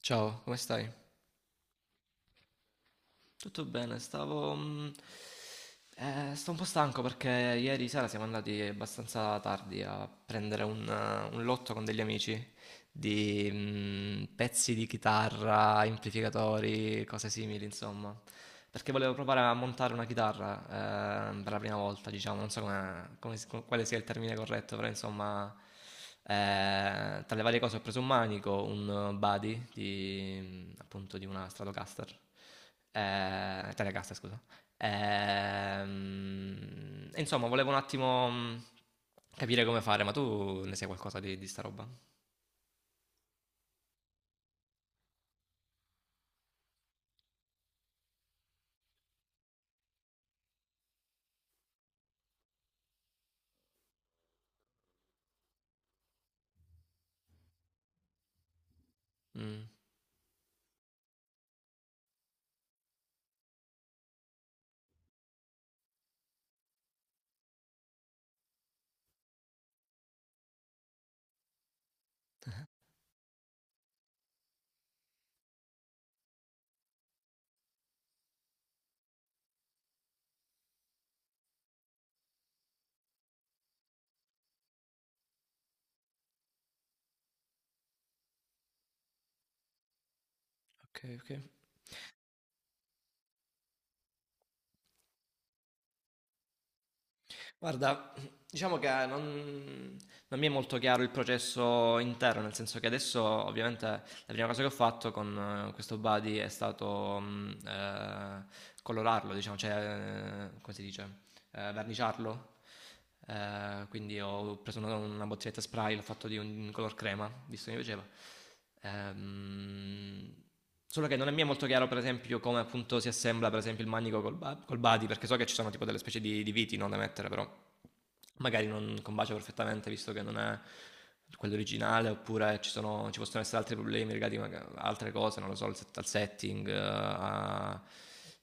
Ciao, come stai? Tutto bene, stavo... sto un po' stanco perché ieri sera siamo andati abbastanza tardi a prendere un lotto con degli amici di pezzi di chitarra, amplificatori, cose simili, insomma. Perché volevo provare a montare una chitarra per la prima volta, diciamo, non so quale sia il termine corretto, però insomma, tra le varie cose ho preso un manico, un body di, appunto di una Stratocaster, Telecaster, scusa. E insomma, volevo un attimo capire come fare, ma tu ne sai qualcosa di sta roba? Mm. Ok, ok. Guarda, diciamo che non mi è molto chiaro il processo intero, nel senso che adesso ovviamente la prima cosa che ho fatto con questo buddy è stato colorarlo, diciamo, cioè, come si dice? Verniciarlo. Quindi ho preso una bottiglietta spray, l'ho fatto di un color crema, visto che mi piaceva. Ehm, Solo che non è mi è molto chiaro, per esempio, come appunto si assembla per esempio il manico col body, perché so che ci sono tipo delle specie di viti no, da mettere, però magari non combacia perfettamente visto che non è quello originale oppure ci possono essere altri problemi legati a altre cose, non lo so, al setting, eh, a-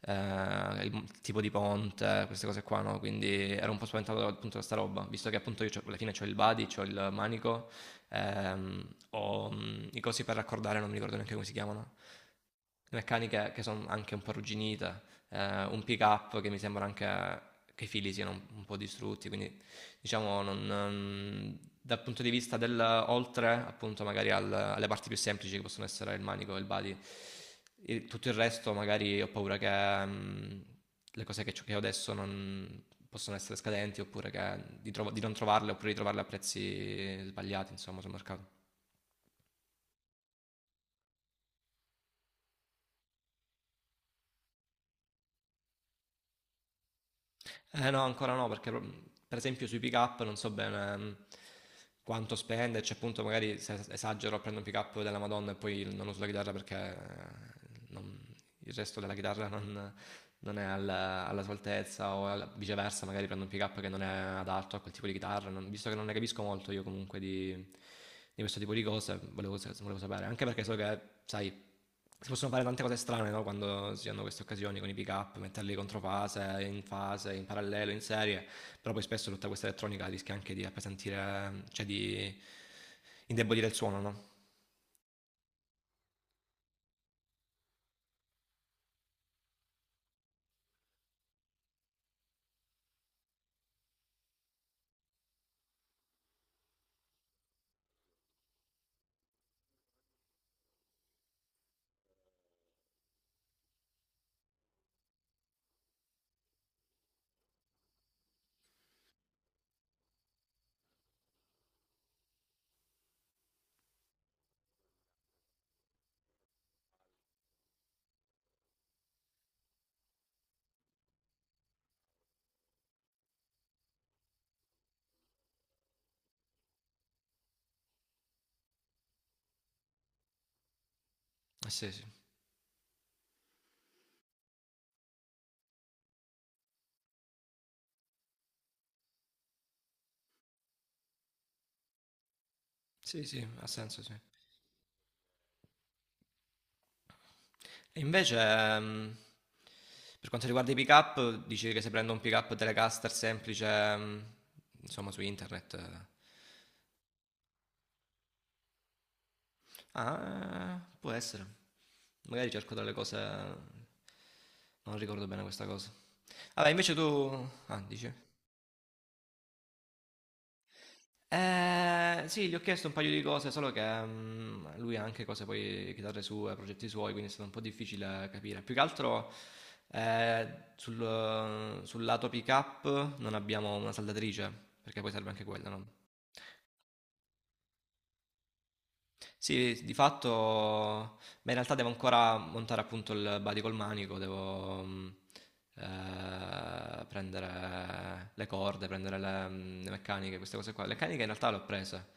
eh, il tipo di ponte, queste cose qua, no? Quindi ero un po' spaventato da, appunto da sta roba, visto che appunto io alla fine ho il body, ho il manico, ho i cosi per raccordare, non mi ricordo neanche come si chiamano, le meccaniche che sono anche un po' arrugginite, un pick up che mi sembra anche che i fili siano un po' distrutti, quindi diciamo dal punto di vista del oltre appunto magari alle parti più semplici che possono essere il manico e il body, tutto il resto magari ho paura che le cose che ho adesso non possono essere scadenti oppure che di non trovarle oppure di trovarle a prezzi sbagliati insomma sul mercato. Eh no, ancora no, perché per esempio sui pick up non so bene quanto spenderci, appunto magari se esagero prendo un pick up della Madonna e poi non uso la chitarra perché il resto della chitarra non è alla sua altezza o viceversa, magari prendo un pick up che non è adatto a quel tipo di chitarra, visto che non ne capisco molto io comunque di questo tipo di cose, volevo sapere, anche perché so che, sai si possono fare tante cose strane no? Quando si hanno queste occasioni con i pick up, metterli contro fase, in fase, in parallelo, in serie, però poi spesso tutta questa elettronica rischia anche di appesantire, cioè di indebolire il suono, no? Eh sì, sì, sì, sì, ha senso, sì. E invece, per quanto riguarda i pick up, dici che se prendo un pick up Telecaster semplice, insomma, su internet, Ah, può essere. Magari cerco delle cose... Non ricordo bene questa cosa. Vabbè, invece tu... Ah, dici? Sì, gli ho chiesto un paio di cose, solo che lui ha anche cose poi, chitarre sue, progetti suoi, quindi è stato un po' difficile capire. Più che altro eh, sul lato pick-up non abbiamo una saldatrice, perché poi serve anche quella, no? Sì, di fatto, ma in realtà devo ancora montare appunto il body col manico, devo prendere le corde, prendere le meccaniche, queste cose qua. Le meccaniche in realtà le ho prese,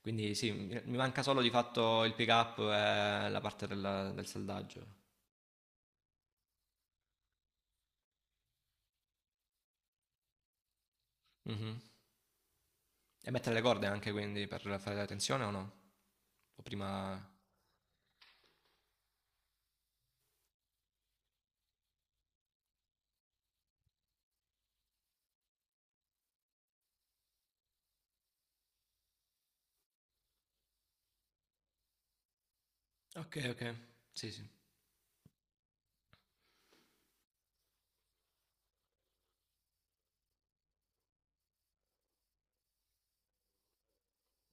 quindi sì, mi manca solo di fatto il pick up e la parte del saldaggio. Mhm. E mettere le corde anche quindi per fare la tensione o no? O prima... Ok, ok, sì, sì.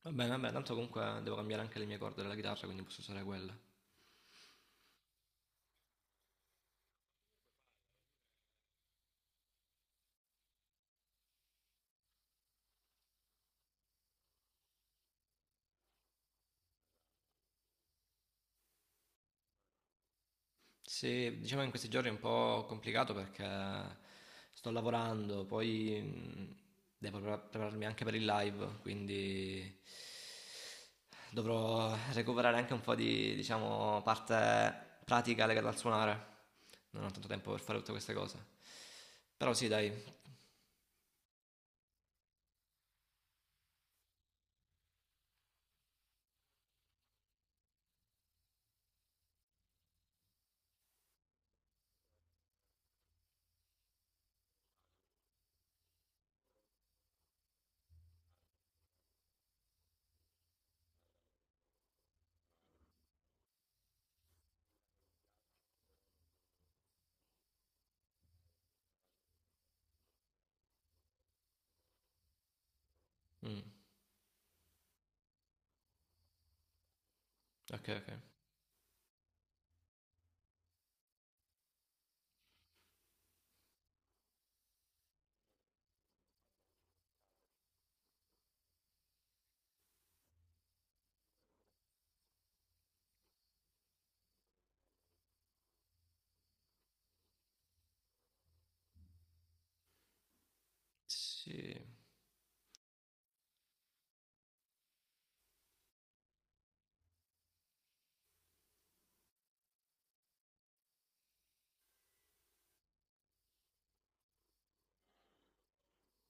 Va bene, tanto comunque devo cambiare anche le mie corde della chitarra, quindi posso usare quelle. Sì, diciamo che in questi giorni è un po' complicato perché sto lavorando, poi devo prepararmi anche per il live, quindi dovrò recuperare anche un po' di, diciamo, parte pratica legata al suonare. Non ho tanto tempo per fare tutte queste cose. Però sì, dai. Mm, ok, ok. Sì.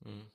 mm,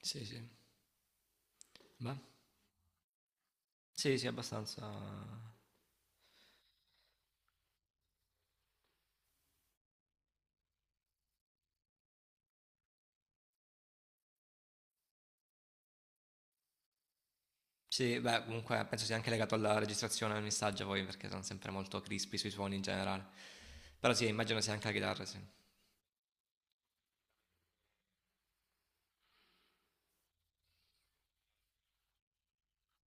Sì, sì. Beh, sì, sì, abbastanza. Sì, beh, comunque penso sia anche legato alla registrazione del messaggio poi, perché sono sempre molto crispy sui suoni in generale. Però sì, immagino sia anche la chitarra, sì.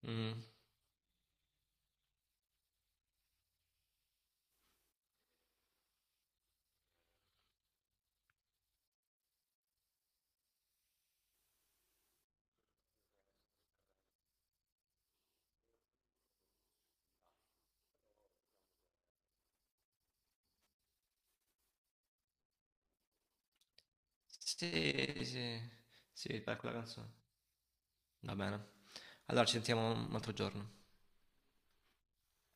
Mm. Sì, sì, sì, per quella canzone. Va bene. Allora ci sentiamo un altro giorno.